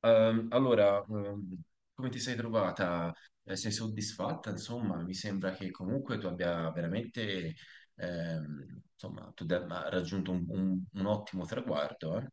Ehm, allora, ehm, come ti sei trovata? Sei soddisfatta? Insomma, mi sembra che comunque tu abbia veramente, insomma, tu abbia raggiunto un ottimo traguardo, eh?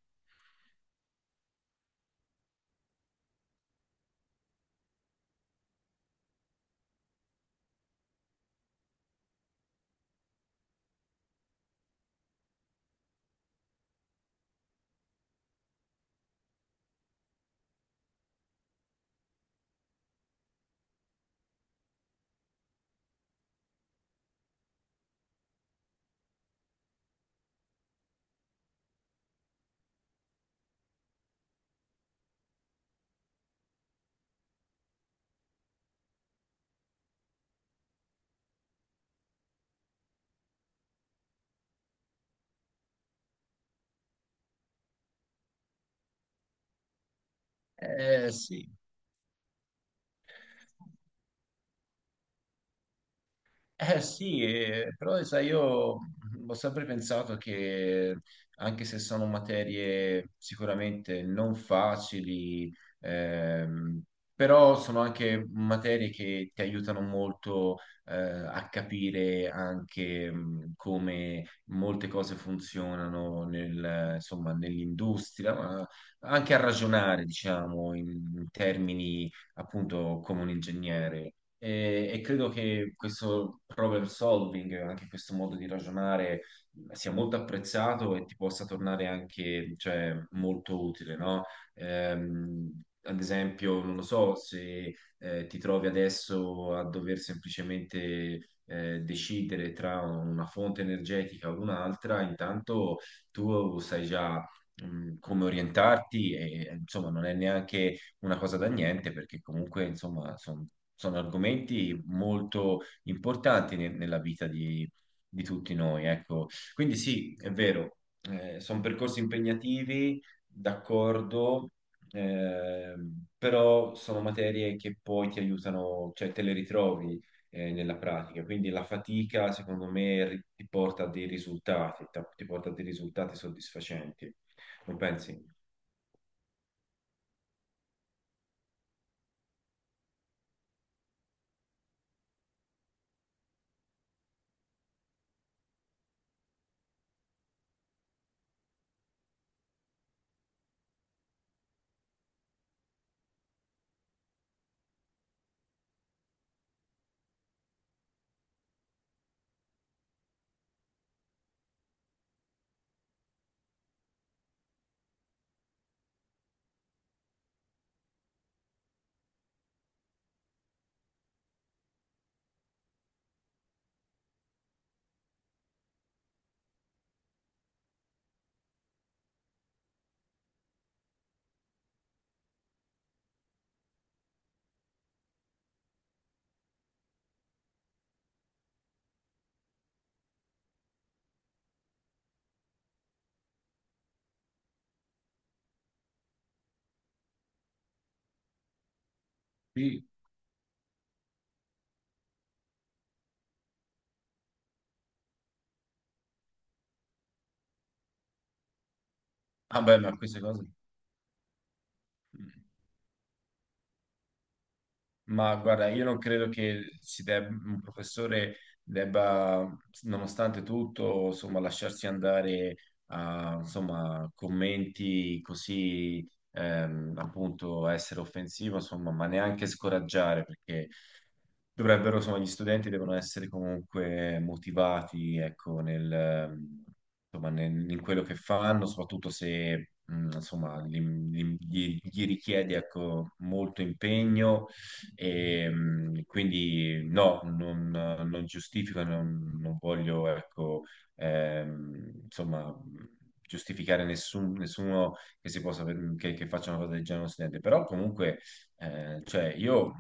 Sì. Eh sì, però sai, io ho sempre pensato che anche se sono materie sicuramente non facili, ehm, però sono anche materie che ti aiutano molto a capire anche come molte cose funzionano insomma, nell'industria, ma anche a ragionare, diciamo, in termini appunto come un ingegnere. E credo che questo problem solving, anche questo modo di ragionare, sia molto apprezzato e ti possa tornare anche, cioè, molto utile, no? Ad esempio, non lo so, se ti trovi adesso a dover semplicemente decidere tra una fonte energetica o un'altra, intanto tu sai già come orientarti e, insomma, non è neanche una cosa da niente, perché comunque, insomma, sono argomenti molto importanti nella vita di tutti noi, ecco. Quindi sì, è vero, sono percorsi impegnativi, d'accordo, però sono materie che poi ti aiutano, cioè te le ritrovi nella pratica. Quindi la fatica, secondo me, ti porta a dei risultati, ti porta a dei risultati soddisfacenti. Non pensi? Sì. Ah beh, ma queste cose... Mm. Ma guarda, io non credo che un professore debba, nonostante tutto, insomma, lasciarsi andare a, insomma, commenti così, appunto, essere offensivo, insomma, ma neanche scoraggiare, perché dovrebbero, insomma, gli studenti devono essere comunque motivati, ecco, insomma, in quello che fanno, soprattutto se, insomma, gli richiede, ecco, molto impegno e, quindi no, non giustifico, non voglio, ecco, insomma, giustificare nessuno che si possa, che faccia una cosa del genere a uno studente, però comunque, cioè, io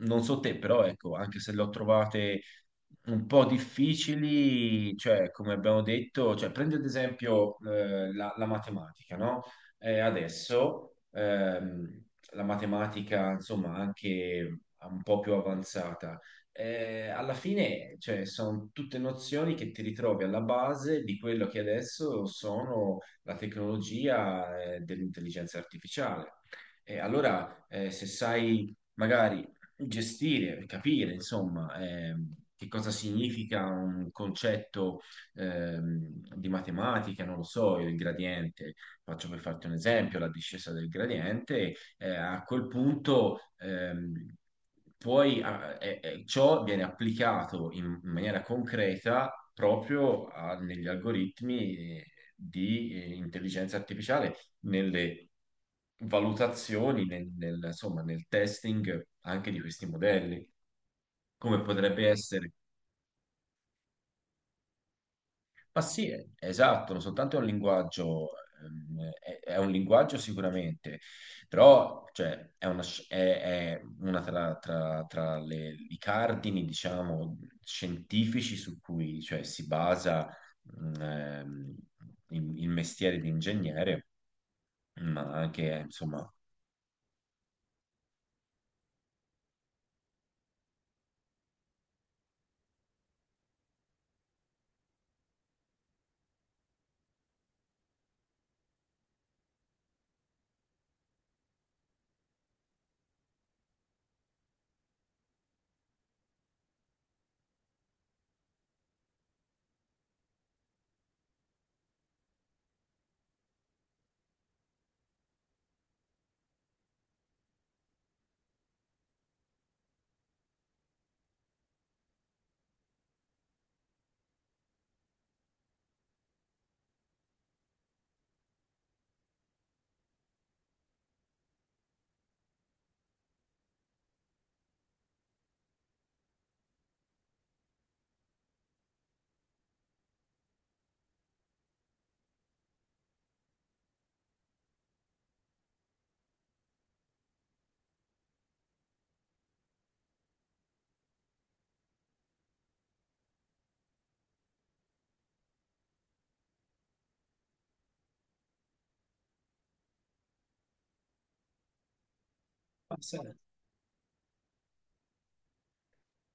non so te, però ecco, anche se le ho trovate un po' difficili, cioè come abbiamo detto, cioè, prendi ad esempio la matematica, no? Adesso la matematica, insomma, anche un po' più avanzata. Alla fine, cioè, sono tutte nozioni che ti ritrovi alla base di quello che adesso sono la tecnologia dell'intelligenza artificiale. E allora, se sai magari gestire, capire, insomma, che cosa significa un concetto di matematica, non lo so, il gradiente, faccio per farti un esempio, la discesa del gradiente, a quel punto poi e ciò viene applicato in maniera concreta proprio negli algoritmi di intelligenza artificiale, nelle valutazioni insomma, nel testing anche di questi modelli, come potrebbe essere. Ma sì, esatto, non soltanto è un linguaggio, è un linguaggio sicuramente, però cioè, è una tra i cardini, diciamo, scientifici su cui cioè, si basa mh, ehm, il mestiere di ingegnere, ma anche, insomma.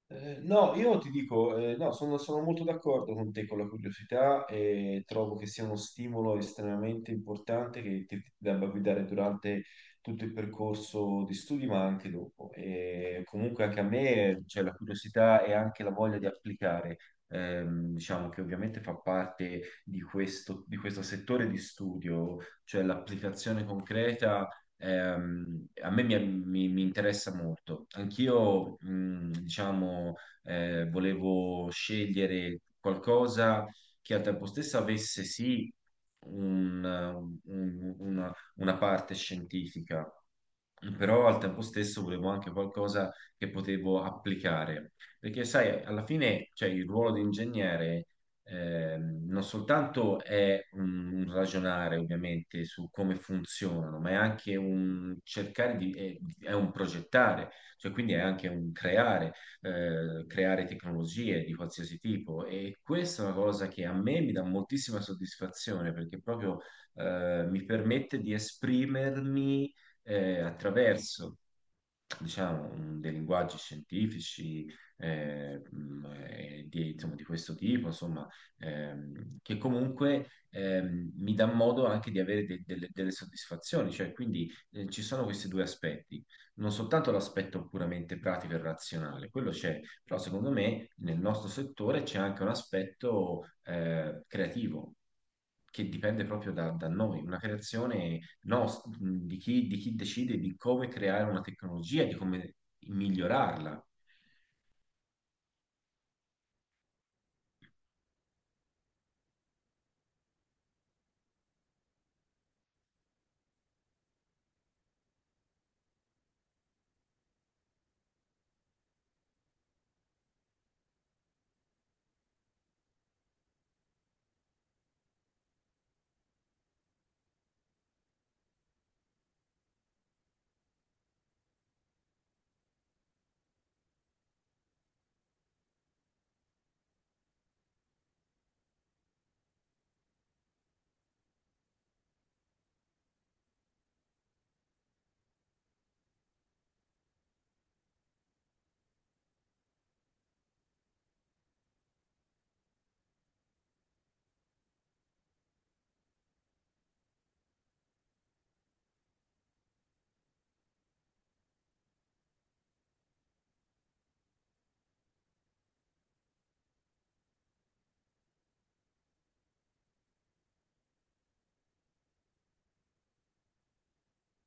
No, io ti dico, no, sono molto d'accordo con te con la curiosità e trovo che sia uno stimolo estremamente importante che ti debba guidare durante tutto il percorso di studi, ma anche dopo. E comunque anche a me, c'è la curiosità e anche la voglia di applicare, diciamo che ovviamente fa parte di questo settore di studio, cioè l'applicazione concreta a me mi, mi- mi interessa molto. Anch'io, diciamo, volevo scegliere qualcosa che al tempo stesso avesse sì un- una parte scientifica, però al tempo stesso volevo anche qualcosa che potevo applicare, perché sai, alla fine, cioè, il ruolo di ingegnere non soltanto è un ragionare ovviamente su come funzionano, ma è anche un cercare di, è un progettare, cioè quindi è anche un creare, creare tecnologie di qualsiasi tipo e questa è una cosa che a me mi dà moltissima soddisfazione perché proprio mi permette di esprimermi attraverso diciamo, dei linguaggi scientifici di, insomma, di questo tipo, insomma, che comunque mi dà modo anche di avere delle soddisfazioni, cioè quindi ci sono questi due aspetti, non soltanto l'aspetto puramente pratico e razionale, quello c'è, però secondo me nel nostro settore c'è anche un aspetto creativo che dipende proprio da noi, una creazione di chi decide di come creare una tecnologia, di come migliorarla.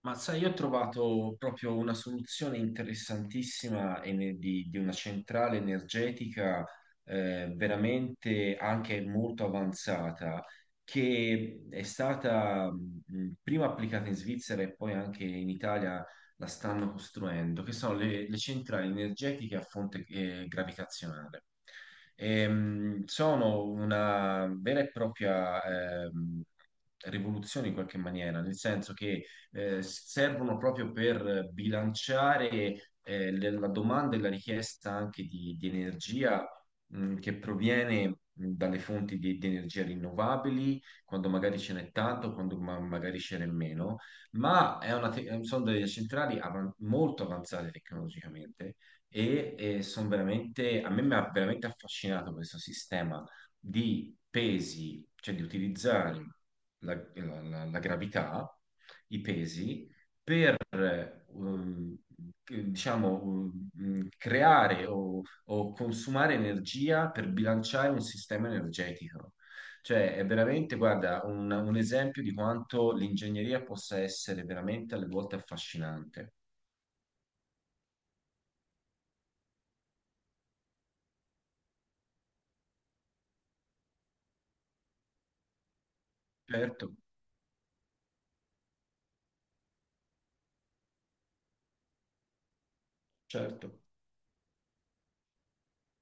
Ma sai, io ho trovato proprio una soluzione interessantissima e di una centrale energetica veramente anche molto avanzata, che è stata prima applicata in Svizzera e poi anche in Italia la stanno costruendo, che sono le centrali energetiche a fonte gravitazionale. Sono una vera e propria rivoluzione in qualche maniera, nel senso che servono proprio per bilanciare la domanda e la richiesta anche di energia che proviene dalle fonti di energia rinnovabili, quando magari ce n'è tanto, quando magari ce n'è meno, ma è sono delle centrali molto avanzate tecnologicamente e sono veramente, a me mi ha veramente affascinato questo sistema di pesi, cioè di utilizzare la gravità, i pesi per ehm, che- diciamo, mm, creare o consumare energia per bilanciare un sistema energetico. Cioè, è veramente, guarda, un esempio di quanto l'ingegneria possa essere veramente alle volte affascinante. Certo, certo.